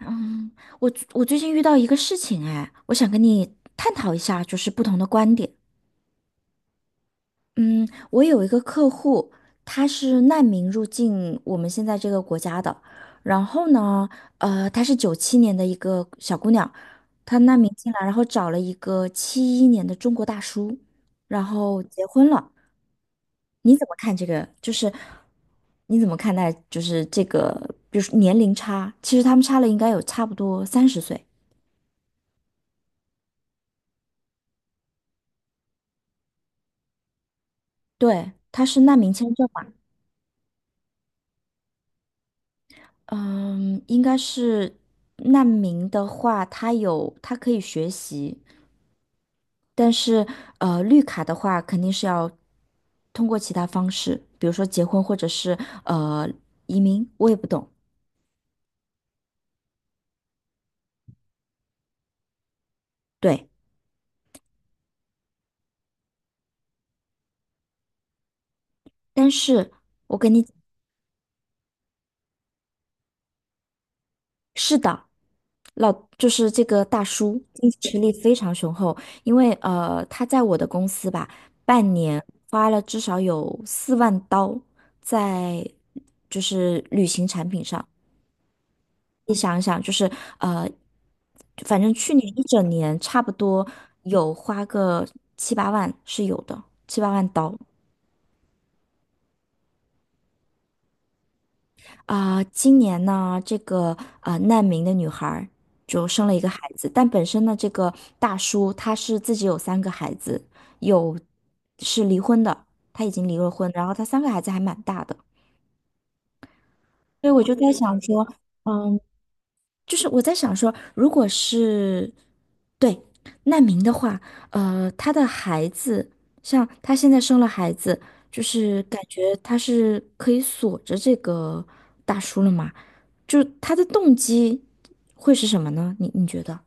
嗯，我最近遇到一个事情，哎，我想跟你探讨一下，就是不同的观点。嗯，我有一个客户，他是难民入境我们现在这个国家的，然后呢，她是97年的一个小姑娘，她难民进来，然后找了一个71年的中国大叔，然后结婚了。你怎么看这个？就是你怎么看待就是这个，比如说年龄差，其实他们差了应该有差不多30岁。对，他是难民签证嘛，嗯，应该是难民的话，他有他可以学习，但是绿卡的话肯定是要通过其他方式，比如说结婚或者是呃移民，我也不懂。对，但是。我跟你。是的，老就是这个大叔经济实力非常雄厚，因为他在我的公司吧，半年花了至少有4万刀在就是旅行产品上。你想一想，就是呃，反正去年一整年差不多有花个七八万是有的，七八万刀。啊、今年呢，这个啊、难民的女孩儿就生了一个孩子，但本身呢，这个大叔他是自己有三个孩子，有是离婚的，他已经离了婚，然后他三个孩子还蛮大的，所以我就在想说，嗯。就是我在想说，如果是对难民的话，他的孩子，像他现在生了孩子，就是感觉他是可以锁着这个大叔了嘛？就他的动机会是什么呢？你觉得？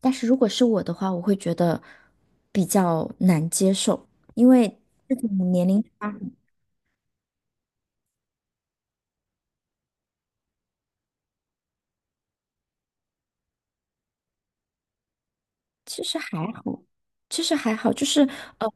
但是如果是我的话，我会觉得比较难接受，因为这种年龄其实还好，其实还好，就是呃，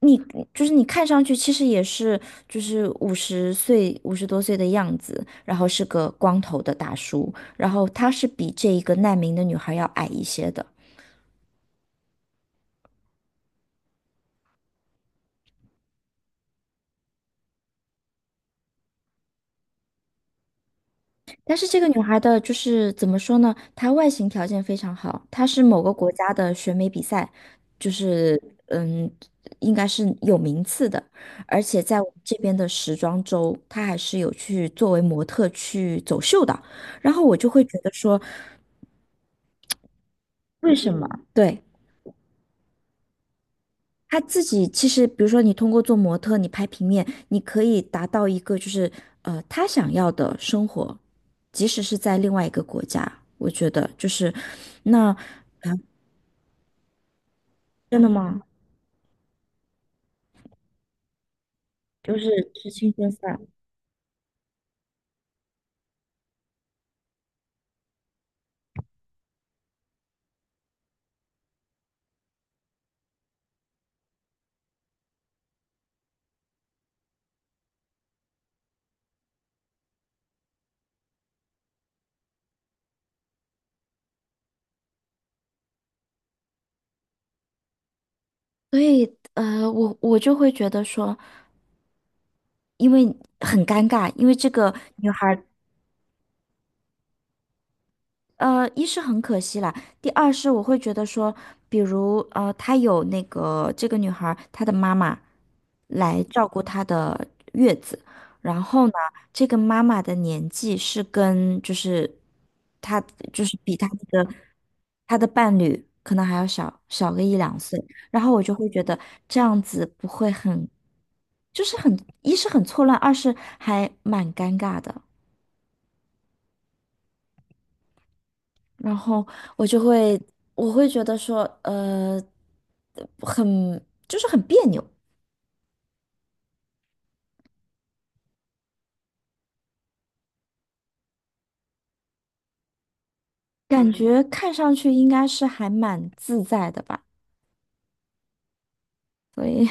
你你看上去其实也是就是50岁50多岁的样子，然后是个光头的大叔，然后他是比这一个难民的女孩要矮一些的。但是这个女孩的就是怎么说呢？她外形条件非常好，她是某个国家的选美比赛，就是嗯，应该是有名次的，而且在我们这边的时装周，她还是有去作为模特去走秀的。然后我就会觉得说，为什么？对。他自己其实，比如说你通过做模特，你拍平面，你可以达到一个就是他想要的生活，即使是在另外一个国家，我觉得就是那真的吗？嗯就是吃青春饭。所以我就会觉得说，因为很尴尬，因为这个女孩儿，一是很可惜啦，第二是我会觉得说，比如她有那个这个女孩儿她的妈妈。来照顾她的月子。然后呢，这个妈妈的年纪是跟就是她就是比她的伴侣可能还要小小个一两岁。然后我就会觉得这样子不会很，就是很，一是很错乱，二是还蛮尴尬的。然后我就会，我会觉得说，很，就是很别扭，感嗯觉看上去应该是还蛮自在的吧，所以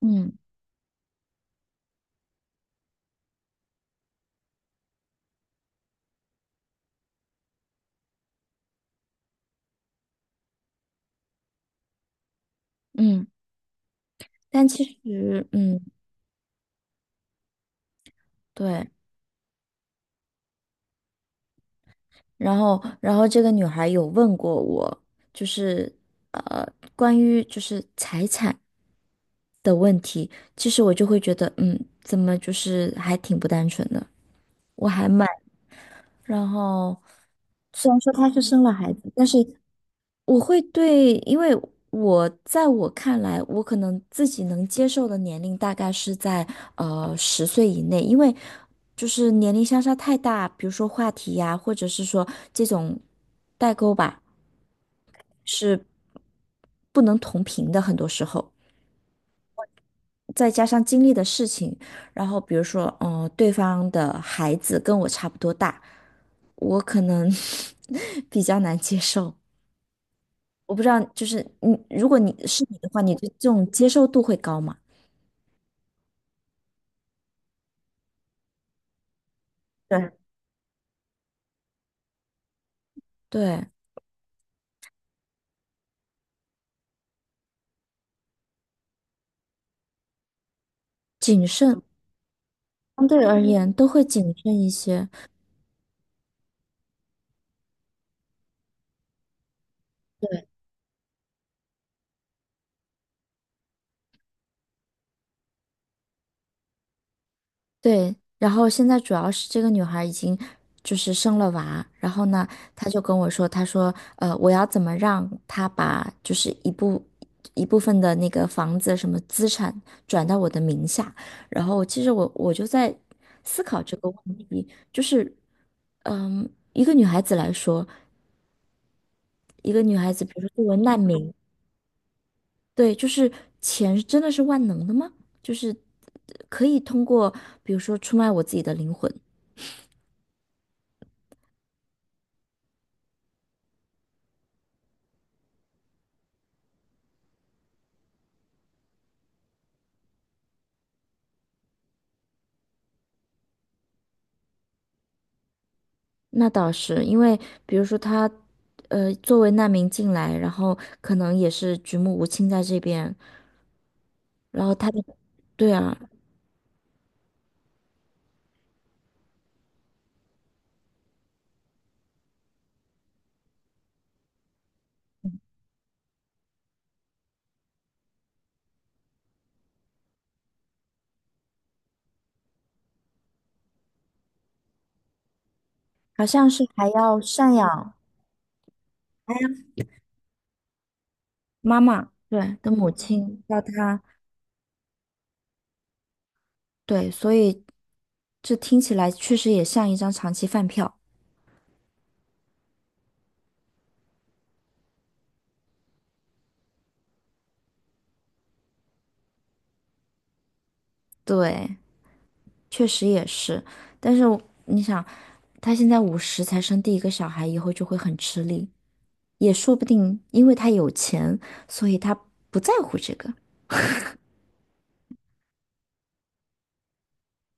嗯嗯，但其实嗯对，然后这个女孩有问过我，就是呃关于就是财产的问题，其实我就会觉得怎么就是还挺不单纯的，我还蛮然后虽然说她是生了孩子，但是我会对，因为我在我看来，我可能自己能接受的年龄大概是在十岁以内，因为就是年龄相差太大，比如说话题呀，或者是说这种代沟吧，是不能同频的，很多时候。再加上经历的事情，然后比如说，对方的孩子跟我差不多大，我可能 比较难接受。我不知道，就是你，如果你是你的话，你对这种接受度会高吗？对，对，谨慎，相对而言都会谨慎一些。对，然后现在主要是这个女孩已经就是生了娃，然后呢，她就跟我说，她说，我要怎么让她把就是一部分的那个房子什么资产转到我的名下。然后其实我就在思考这个问题，就是，嗯，一个女孩子来说。一个女孩子，比如说作为难民，对，就是钱真的是万能的吗？就是可以通过，比如说出卖我自己的灵魂，那倒是因为，比如说她，作为难民进来，然后可能也是举目无亲在这边，然后他的，对啊，好像是还要赡养妈妈，对，的母亲，要她，对，所以这听起来确实也像一张长期饭票，对。确实也是，但是我你想，他现在五十才生第一个小孩，以后就会很吃力，也说不定，因为他有钱，所以他不在乎这个。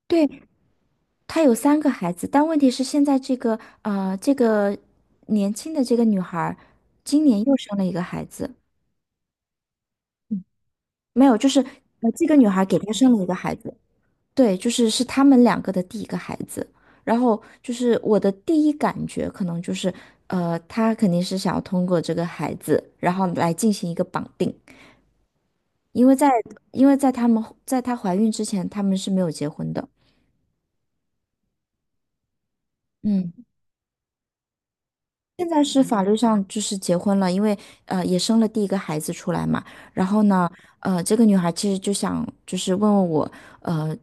对，他有三个孩子，但问题是现在这个这个年轻的这个女孩儿今年又生了一个孩子，嗯没有，就是这个女孩给他生了一个孩子，对，是他们两个的第一个孩子，然后就是我的第一感觉可能就是，他肯定是想要通过这个孩子，然后来进行一个绑定，因为在因为在他们在她怀孕之前，他们是没有结婚的，嗯，现在是法律上就是结婚了，因为也生了第一个孩子出来嘛，然后呢，这个女孩其实就想就是问问我，呃。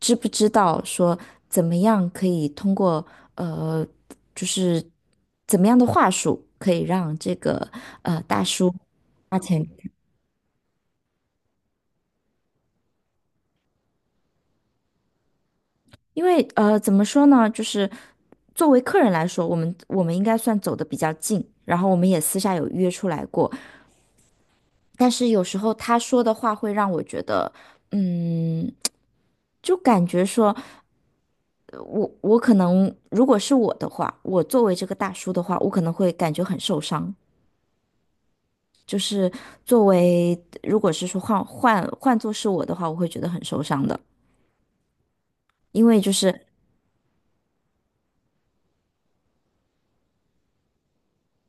知不知道说怎么样可以通过呃，就是怎么样的话术可以让这个大叔花钱给他？因为怎么说呢，就是作为客人来说，我们应该算走的比较近，然后我们也私下有约出来过，但是有时候他说的话会让我觉得，嗯，就感觉说我可能如果是我的话，我作为这个大叔的话，我可能会感觉很受伤。就是作为，如果是说换做是我的话，我会觉得很受伤的，因为就是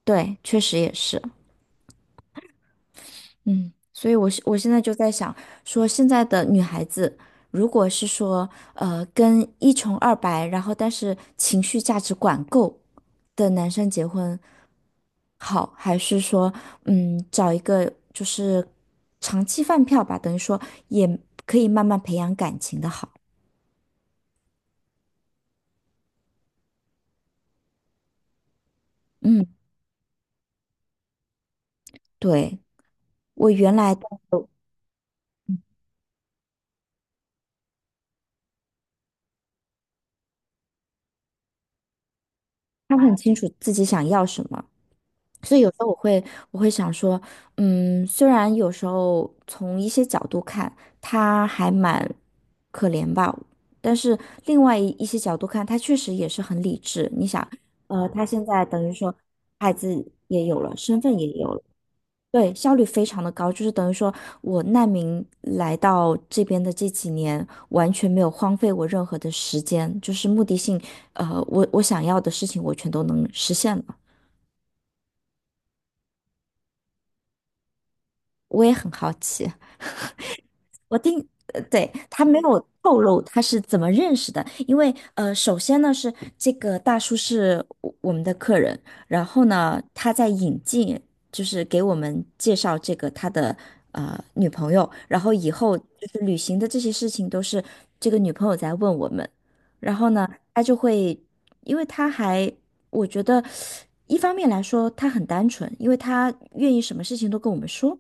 对，确实也是，嗯，所以我现在就在想，说现在的女孩子，如果是说跟一穷二白，然后但是情绪价值管够的男生结婚好，还是说找一个就是长期饭票吧，等于说也可以慢慢培养感情的好，嗯，对。我原来他很清楚自己想要什么，所以有时候我会想说，嗯，虽然有时候从一些角度看他还蛮可怜吧，但是另外一些角度看，他确实也是很理智。你想，他现在等于说孩子也有了，身份也有了。对，效率非常的高，就是等于说我难民来到这边的这几年，完全没有荒废我任何的时间，就是目的性，我想要的事情我全都能实现了。我也很好奇。我听，对，他没有透露他是怎么认识的，因为首先呢是这个大叔是我们的客人，然后呢他在引进，就是给我们介绍这个他的女朋友，然后以后就是旅行的这些事情都是这个女朋友在问我们，然后呢他就会，因为他还我觉得一方面来说他很单纯，因为他愿意什么事情都跟我们说。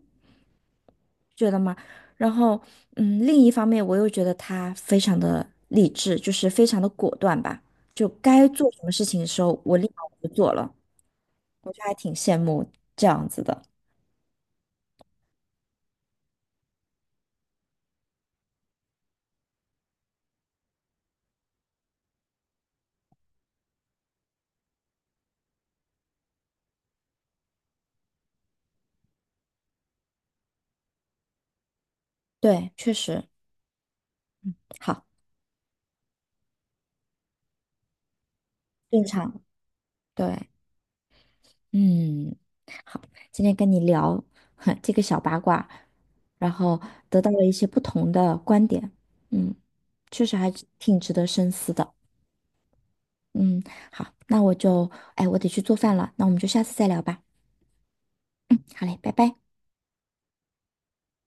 觉得吗？然后，嗯，另一方面，我又觉得他非常的理智，就是非常的果断吧，就该做什么事情的时候，我立马就做了，我就还挺羡慕这样子的。对，确实好，正常。对，嗯，好，今天跟你聊 这个小八卦，然后得到了一些不同的观点，嗯，确实还挺值得深思的。嗯，好，那我就，哎，我得去做饭了，那我们就下次再聊吧。好嘞，拜拜。